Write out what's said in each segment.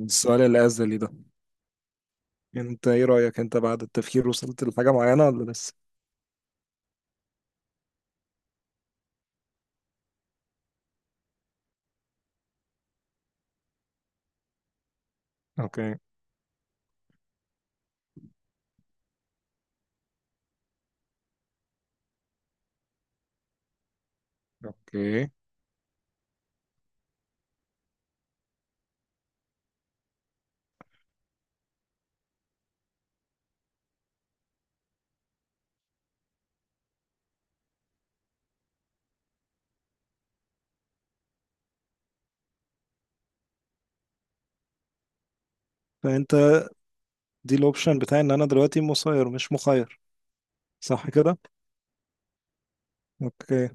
السؤال الأزلي ده. انت ايه رأيك؟ انت بعد التفكير وصلت لحاجة معينة ولا لسه؟ اوكي، اوكي. فانت دي الاوبشن بتاعي ان انا دلوقتي مسير مش مخير، صح كده؟ اوكي.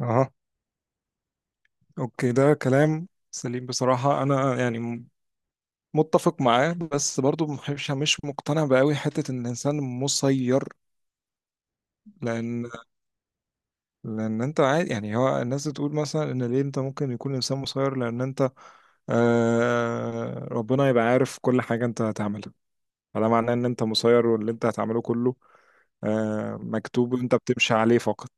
اها. اوكي، ده كلام سليم بصراحة. انا يعني متفق معاه، بس برضو مش مقتنع بقوي حتة ان الانسان مسير. لان لان انت عادي، يعني هو الناس بتقول مثلا ان ليه انت ممكن يكون الانسان مسير، لان انت آه ربنا يبقى عارف كل حاجة انت هتعملها، فده معناه ان انت مسير، واللي انت هتعمله كله مكتوب وانت بتمشي عليه فقط.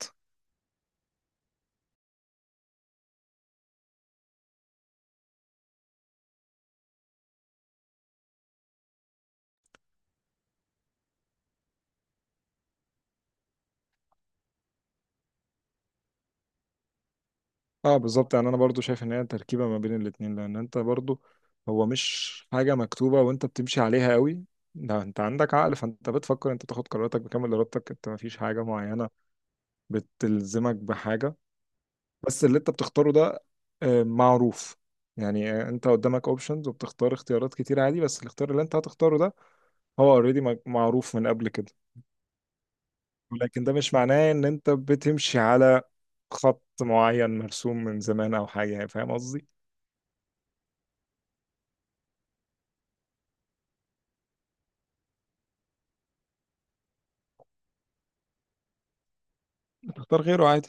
اه بالظبط، يعني انا برضو شايف ان هي تركيبة ما بين الاتنين، لان انت برضو هو مش حاجة مكتوبة وانت بتمشي عليها قوي. ده انت عندك عقل، فانت بتفكر، انت تاخد قراراتك بكامل ارادتك، انت ما فيش حاجة معينة بتلزمك بحاجة. بس اللي انت بتختاره ده معروف. يعني انت قدامك اوبشنز وبتختار اختيارات كتير عادي، بس الاختيار اللي انت هتختاره ده هو اوريدي معروف من قبل كده. لكن ده مش معناه ان انت بتمشي على خط معين مرسوم من زمان او حاجه، يعني فاهم قصدي. تختار غيره عادي.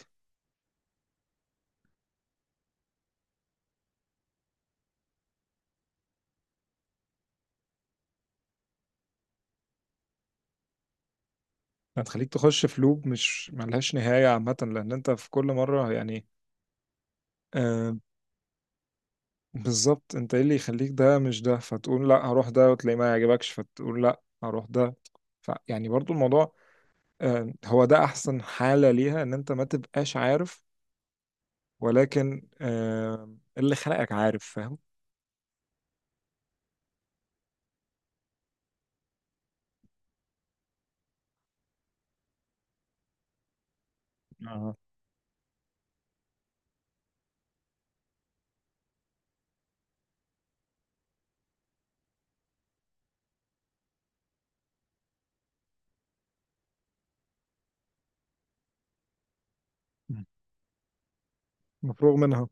هتخليك تخش في لوب مش ملهاش نهايه عامه، لان انت في كل مره، يعني آه بالظبط. انت ايه اللي يخليك ده مش ده، فتقول لا هروح ده، وتلاقي ما يعجبكش فتقول لا هروح ده. ف يعني برضو الموضوع آه هو ده احسن حاله ليها، ان انت ما تبقاش عارف، ولكن آه اللي خلقك عارف، فاهم. اه، مفروغ منها.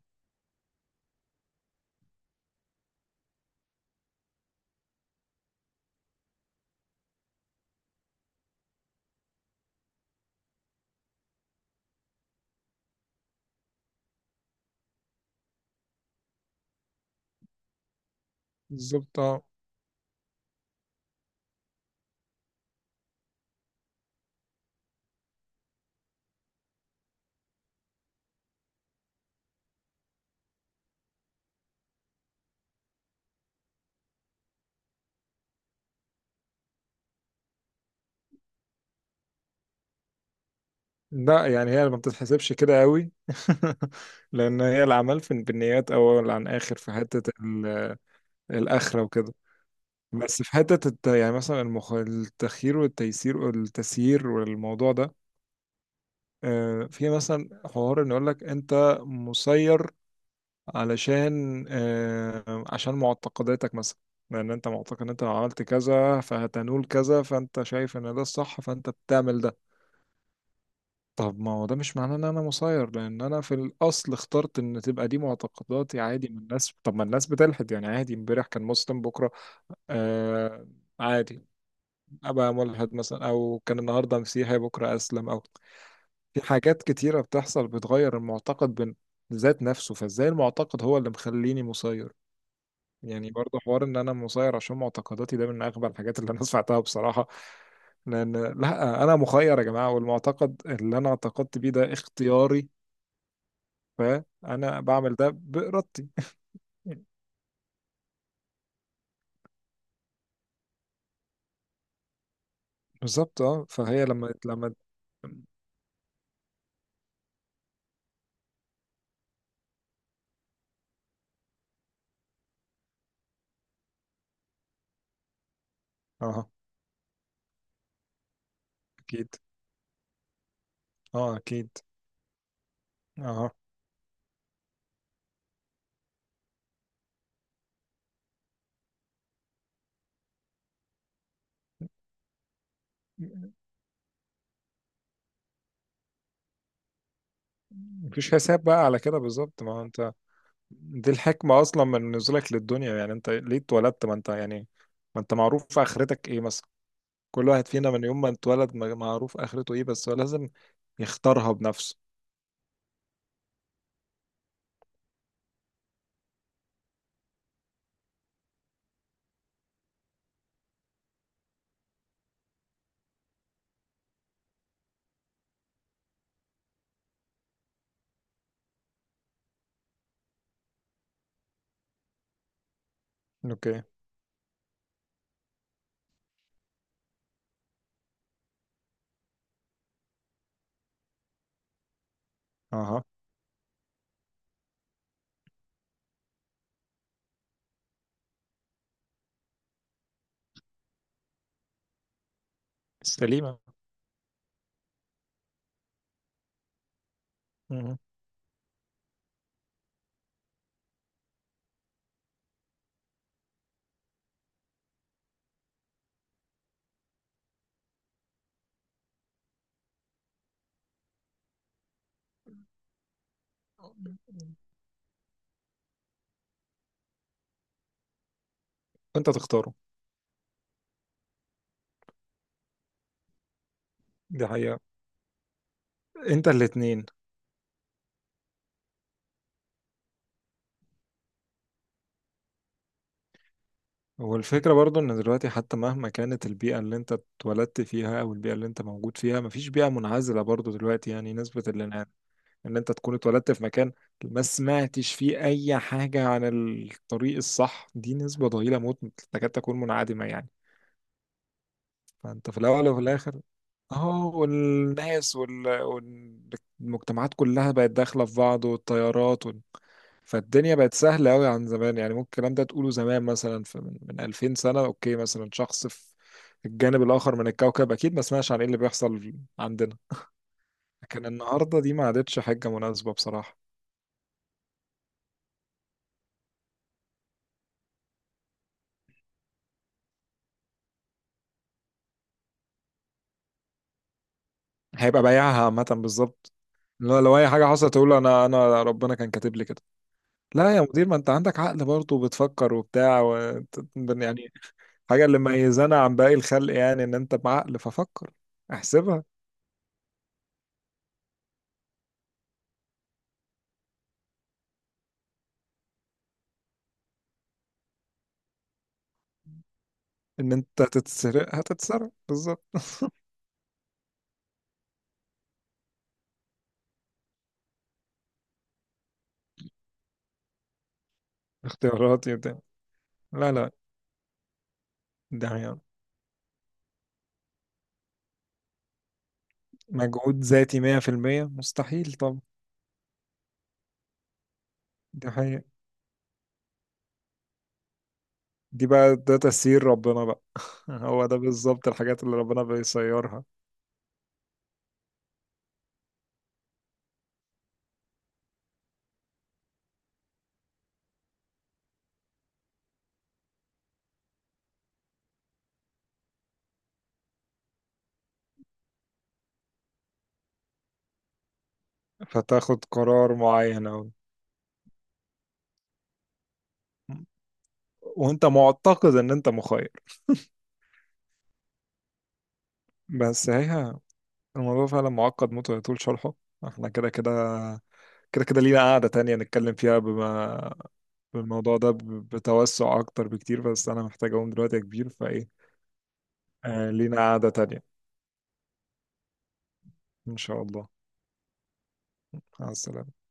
بالظبط آه. لا، يعني هي ما بتتحسبش كده قوي لان هي العمل في بالنيات، اول عن اخر في حته الاخره وكده. بس في حته يعني مثلا التخيير والتيسير والتسيير والموضوع ده في مثلا حوار ان يقول لك انت مسير، علشان عشان معتقداتك مثلا، لان انت معتقد ان انت لو عملت كذا فهتنول كذا، فانت شايف ان ده الصح فانت بتعمل ده. طب ما هو ده مش معناه ان انا مسير، لان انا في الاصل اخترت ان تبقى دي معتقداتي عادي من الناس، طب ما الناس بتلحد يعني عادي، امبارح كان مسلم بكره آه عادي ابقى ملحد مثلا، او كان النهارده مسيحي بكره اسلم، او في حاجات كتيره بتحصل بتغير المعتقد ذات نفسه، فازاي المعتقد هو اللي مخليني مسير؟ يعني برضه حوار ان انا مسير عشان معتقداتي ده من اغبى الحاجات اللي انا سمعتها بصراحه. لان لا، انا مخير يا جماعه، والمعتقد اللي انا اعتقدت بيه ده اختياري، فانا بعمل ده بارادتي. بالظبط اه. فهي لما اه اكيد. اه اكيد. اه مفيش حساب بقى على كده، بالظبط ما هو انت دي الحكمة اصلا من نزولك للدنيا، يعني انت ليه اتولدت، ما انت يعني ما انت معروف اخرتك ايه مثلا. كل واحد فينا من يوم ما اتولد معروف اخرته ايه، بس هو لازم يختارها بنفسه. اوكي. اها. سليمة. مهم. انت تختاره. دي حقيقة، انت الاتنين. والفكرة برضو ان دلوقتي حتى مهما كانت البيئة اللي انت اتولدت فيها او البيئة اللي انت موجود فيها، مفيش بيئة منعزلة برضو دلوقتي، يعني نسبة الانعزال ان انت تكون اتولدت في مكان ما سمعتش فيه اي حاجة عن الطريق الصح دي نسبة ضئيلة موت، تكاد تكون منعدمة يعني. فانت في الاول وفي الاخر اه، والناس والمجتمعات كلها بقت داخلة في بعض، والطيارات فالدنيا بقت سهلة أوي عن زمان. يعني ممكن الكلام ده تقوله زمان مثلا في من 2000 سنة. أوكي مثلا شخص في الجانب الآخر من الكوكب أكيد ما سمعش عن إيه اللي بيحصل عندنا، لكن النهاردة دي ما عادتش حاجة مناسبة بصراحة. هيبقى بايعها عامة بالظبط. لو أي حاجة حصلت تقول أنا ربنا كان كاتب لي كده. لا يا مدير، ما أنت عندك عقل برضه وبتفكر وبتاع و... يعني حاجة اللي ميزانا عن باقي الخلق، يعني إن أنت بعقل ففكر احسبها. إن أنت هتتسرق هتتسرق بالظبط. اختياراتي وبتاع. لا، لا، دي حقيقة، مجهود ذاتي 100%. مستحيل طبعا. دي حقيقة. دي بقى ده تسيير ربنا بقى. هو ده بالظبط الحاجات اللي ربنا بيسيرها. فتاخد قرار معين، أو وانت معتقد ان انت مخير. بس هي الموضوع فعلا معقد موت ويطول شرحه، احنا كده كده لينا قاعدة تانية نتكلم فيها بما بالموضوع ده بتوسع اكتر بكتير. بس انا محتاج اقوم دلوقتي يا كبير، فايه آه لينا قاعدة تانية. ان شاء الله، مع السلامة.